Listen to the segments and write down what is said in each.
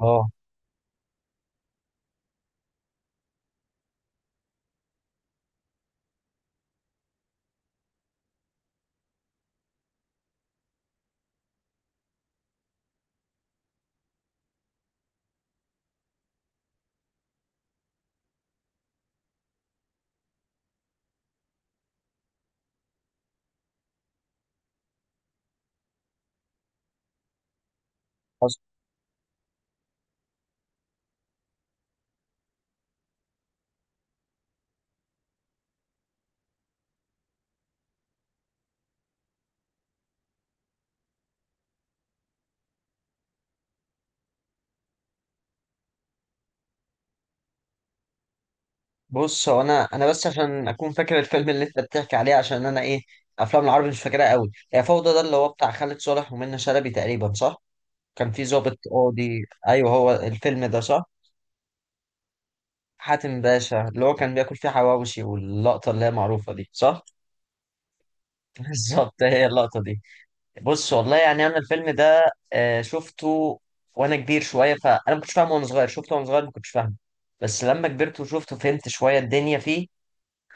اه، حصل. بص، هو انا بس عشان اكون فاكر الفيلم اللي انت بتحكي عليه عشان انا ايه؟ افلام العربي مش فاكرها قوي. هي فوضى ده اللي هو بتاع خالد صالح ومنى شلبي تقريبا، صح؟ كان في ضابط قاضي، ايوه، هو الفيلم ده صح. حاتم باشا اللي هو كان بياكل فيه حواوشي واللقطه اللي هي معروفه دي، صح. بالظبط، هي اللقطه دي. بص، والله يعني انا الفيلم ده شفته وانا كبير شويه، فانا ما كنتش فاهمه وانا صغير، شفته وانا صغير ما كنتش فاهمه. بس لما كبرت وشفته فهمت شويه الدنيا فيه،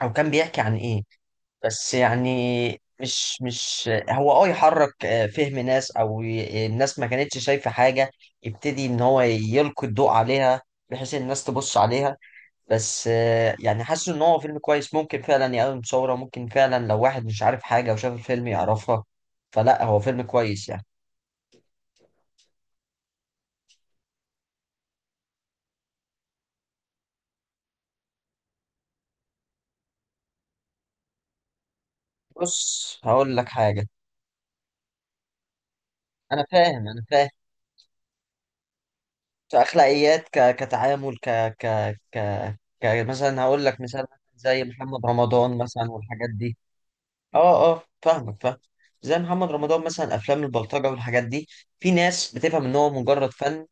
او كان بيحكي عن ايه. بس يعني مش هو اه يحرك، فهم ناس، او الناس ما كانتش شايفة حاجة. يبتدي ان هو يلقي الضوء عليها بحيث إن الناس تبص عليها. بس يعني حاسس ان هو فيلم كويس، ممكن فعلا يقوم ثورة، ممكن فعلا لو واحد مش عارف حاجة وشاف الفيلم يعرفها. فلا، هو فيلم كويس يعني. بص، هقول لك حاجة. انا فاهم، انا فاهم. كأخلاقيات، كتعامل، ك... ك... مثلا هقول لك مثال. زي محمد رمضان مثلا والحاجات دي. اه، اه، فاهمك، فاهم. زي محمد رمضان مثلا، افلام البلطجه والحاجات دي. في ناس بتفهم ان هو مجرد فن،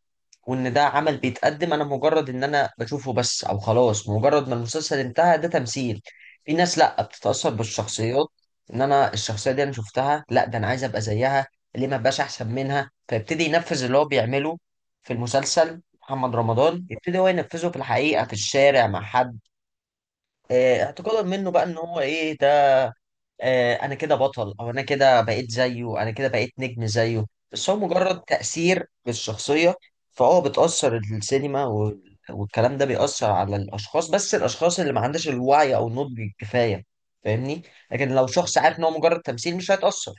وان ده عمل بيتقدم، انا مجرد ان انا بشوفه بس، او خلاص مجرد ما المسلسل انتهى، ده تمثيل. في ناس لا، بتتاثر بالشخصيات. ان انا الشخصيه دي انا شفتها، لا، ده انا عايز ابقى زيها. ليه ما ابقاش احسن منها؟ فيبتدي ينفذ اللي هو بيعمله في المسلسل محمد رمضان، يبتدي هو ينفذه في الحقيقه في الشارع مع حد، اعتقادا منه بقى ان هو ايه ده، انا كده بطل، او انا كده بقيت زيه، انا كده بقيت نجم زيه. بس هو مجرد تأثير بالشخصية. فهو بتأثر السينما والكلام ده بيأثر على الأشخاص، بس الأشخاص اللي ما عندهاش الوعي أو النضج الكفاية. فاهمني؟ لكن لو شخص عارف إن هو مجرد تمثيل مش هيتأثر.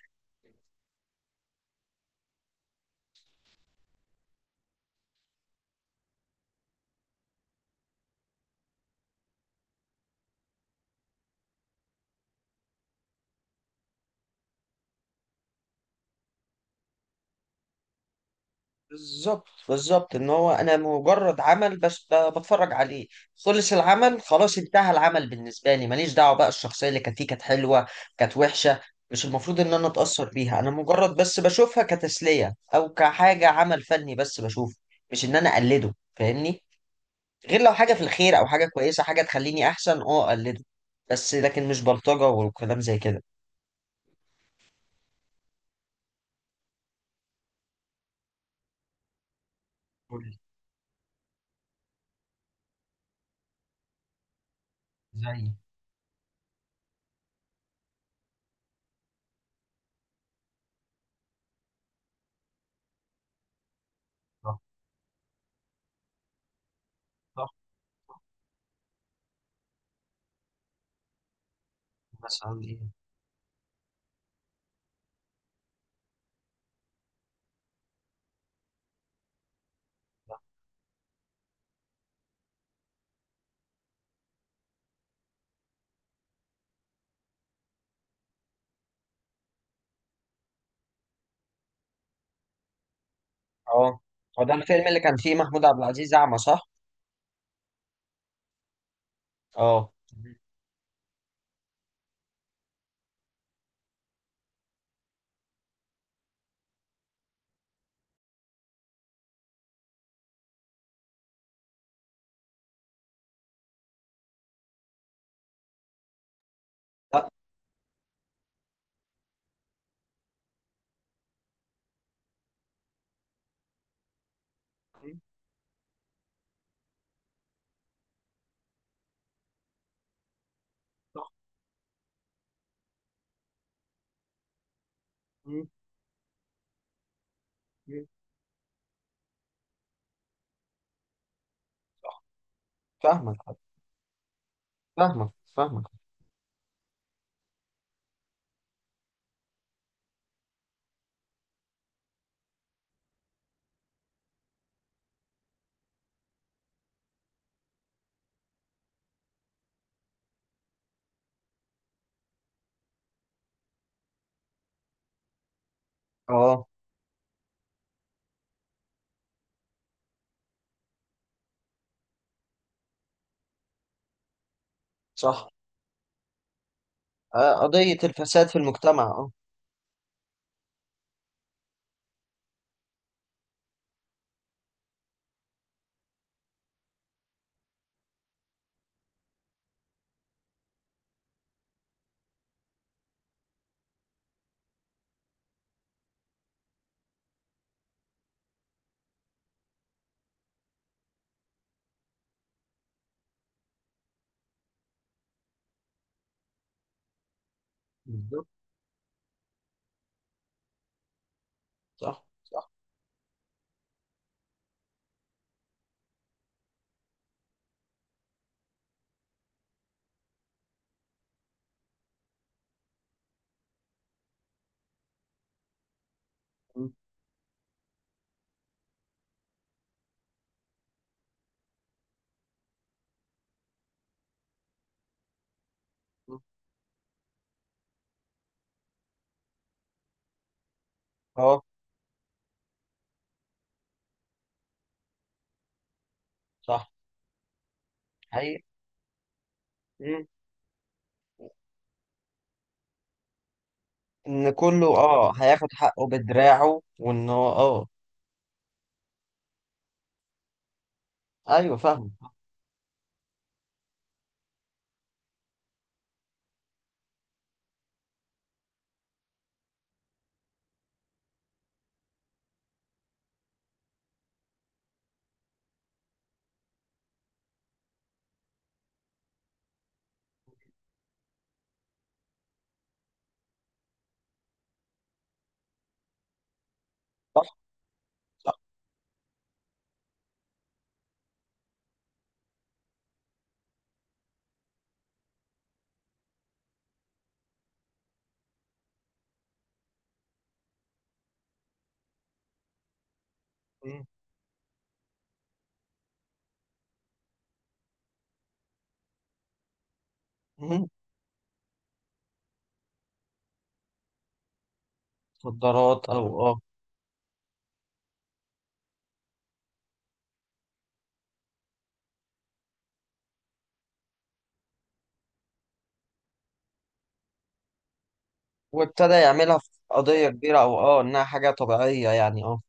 بالظبط، بالظبط. ان هو انا مجرد عمل بس بتفرج عليه. خلص العمل، خلاص انتهى العمل بالنسبه لي، ماليش دعوه بقى الشخصيه اللي كانت فيه كانت حلوه، كانت وحشه. مش المفروض ان انا اتاثر بيها. انا مجرد بس بشوفها كتسليه، او كحاجه عمل فني بس بشوفه، مش ان انا اقلده. فاهمني؟ غير لو حاجه في الخير، او حاجه كويسه، حاجه تخليني احسن، اه، اقلده. بس لكن مش بلطجه وكلام زي كده. قول لي. زي. صح، صح. مثلا ايه؟ اه. هو ده الفيلم اللي كان فيه محمود عبد العزيز أعمى، صح؟ اه. لا. مم. صح. مم. مم. صح. فاهمك، فاهمك، فاهمك. اه. صح. قضية الفساد في المجتمع، اه. بالظبط. صح، صح. مم. مم. اه. صح. حقيقي. مم. ان كله اه هياخد حقه بدراعه وان هو اه. ايوه، فاهم. صح، صح. مم. مم. مخدرات، او اه. وابتدى يعملها في قضية كبيرة، او اه انها حاجة طبيعية يعني، اه.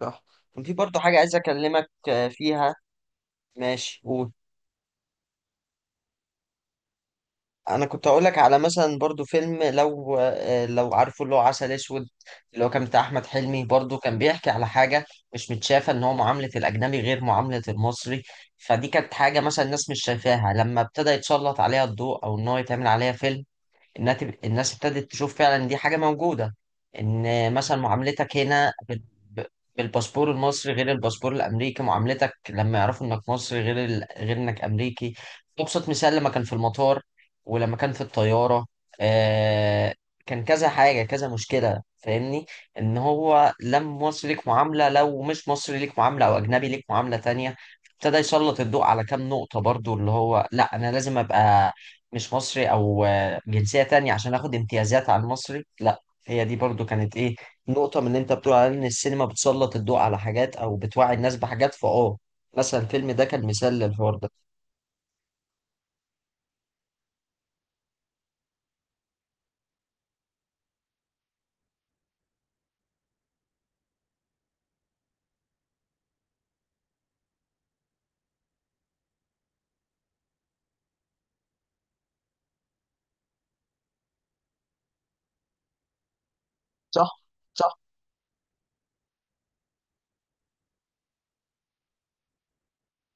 صح. كان في برضه حاجة عايز أكلمك فيها. ماشي، قول. أنا كنت أقول لك على مثلا برضه فيلم، لو عارفه، اللي هو عسل أسود. اللي هو كان بتاع أحمد حلمي، برضه كان بيحكي على حاجة مش متشافة. إن هو معاملة الأجنبي غير معاملة المصري. فدي كانت حاجة مثلا الناس مش شايفاها، لما ابتدى يتسلط عليها الضوء أو إن هو يتعمل عليها فيلم، الناس ابتدت تشوف فعلا دي حاجة موجودة. ان مثلا معاملتك هنا ب- بالباسبور المصري غير الباسبور الامريكي، معاملتك لما يعرفوا انك مصري غير غير انك امريكي. ابسط مثال، لما كان في المطار ولما كان في الطيارة، آه... كان كذا حاجة، كذا مشكلة. فاهمني؟ ان هو لما مصري ليك معاملة، لو مش مصري ليك معاملة، او اجنبي ليك معاملة تانية. ابتدى يسلط الضوء على كام نقطة برضو اللي هو لا، انا لازم ابقى مش مصري، او جنسية تانية، عشان اخد امتيازات على المصري، لا. هي دي برضو كانت ايه، نقطة من اللي انت بتقول على ان السينما بتسلط الضوء على حاجات او بتوعي الناس بحاجات، مثلا الفيلم ده كان مثال للحوار ده. صح، صح.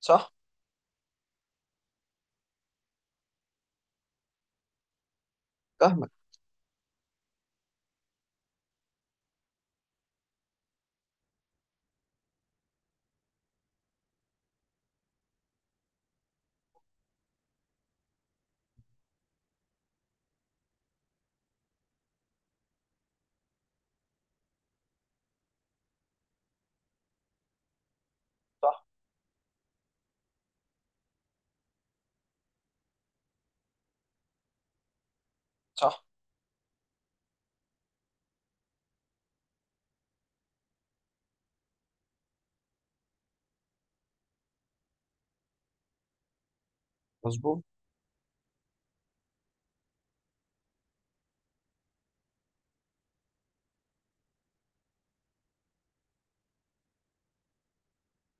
صح. فاهمك. صح، صح. مظبوط.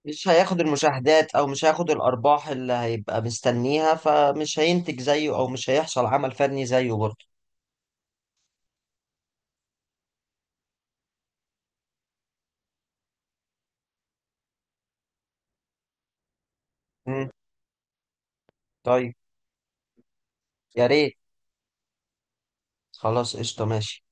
مش هياخد المشاهدات او مش هياخد الارباح اللي هيبقى مستنيها، فمش هينتج زيه او مش هيحصل عمل فني زيه برضه. مم. طيب، يا ريت. خلاص قشطة، ماشي.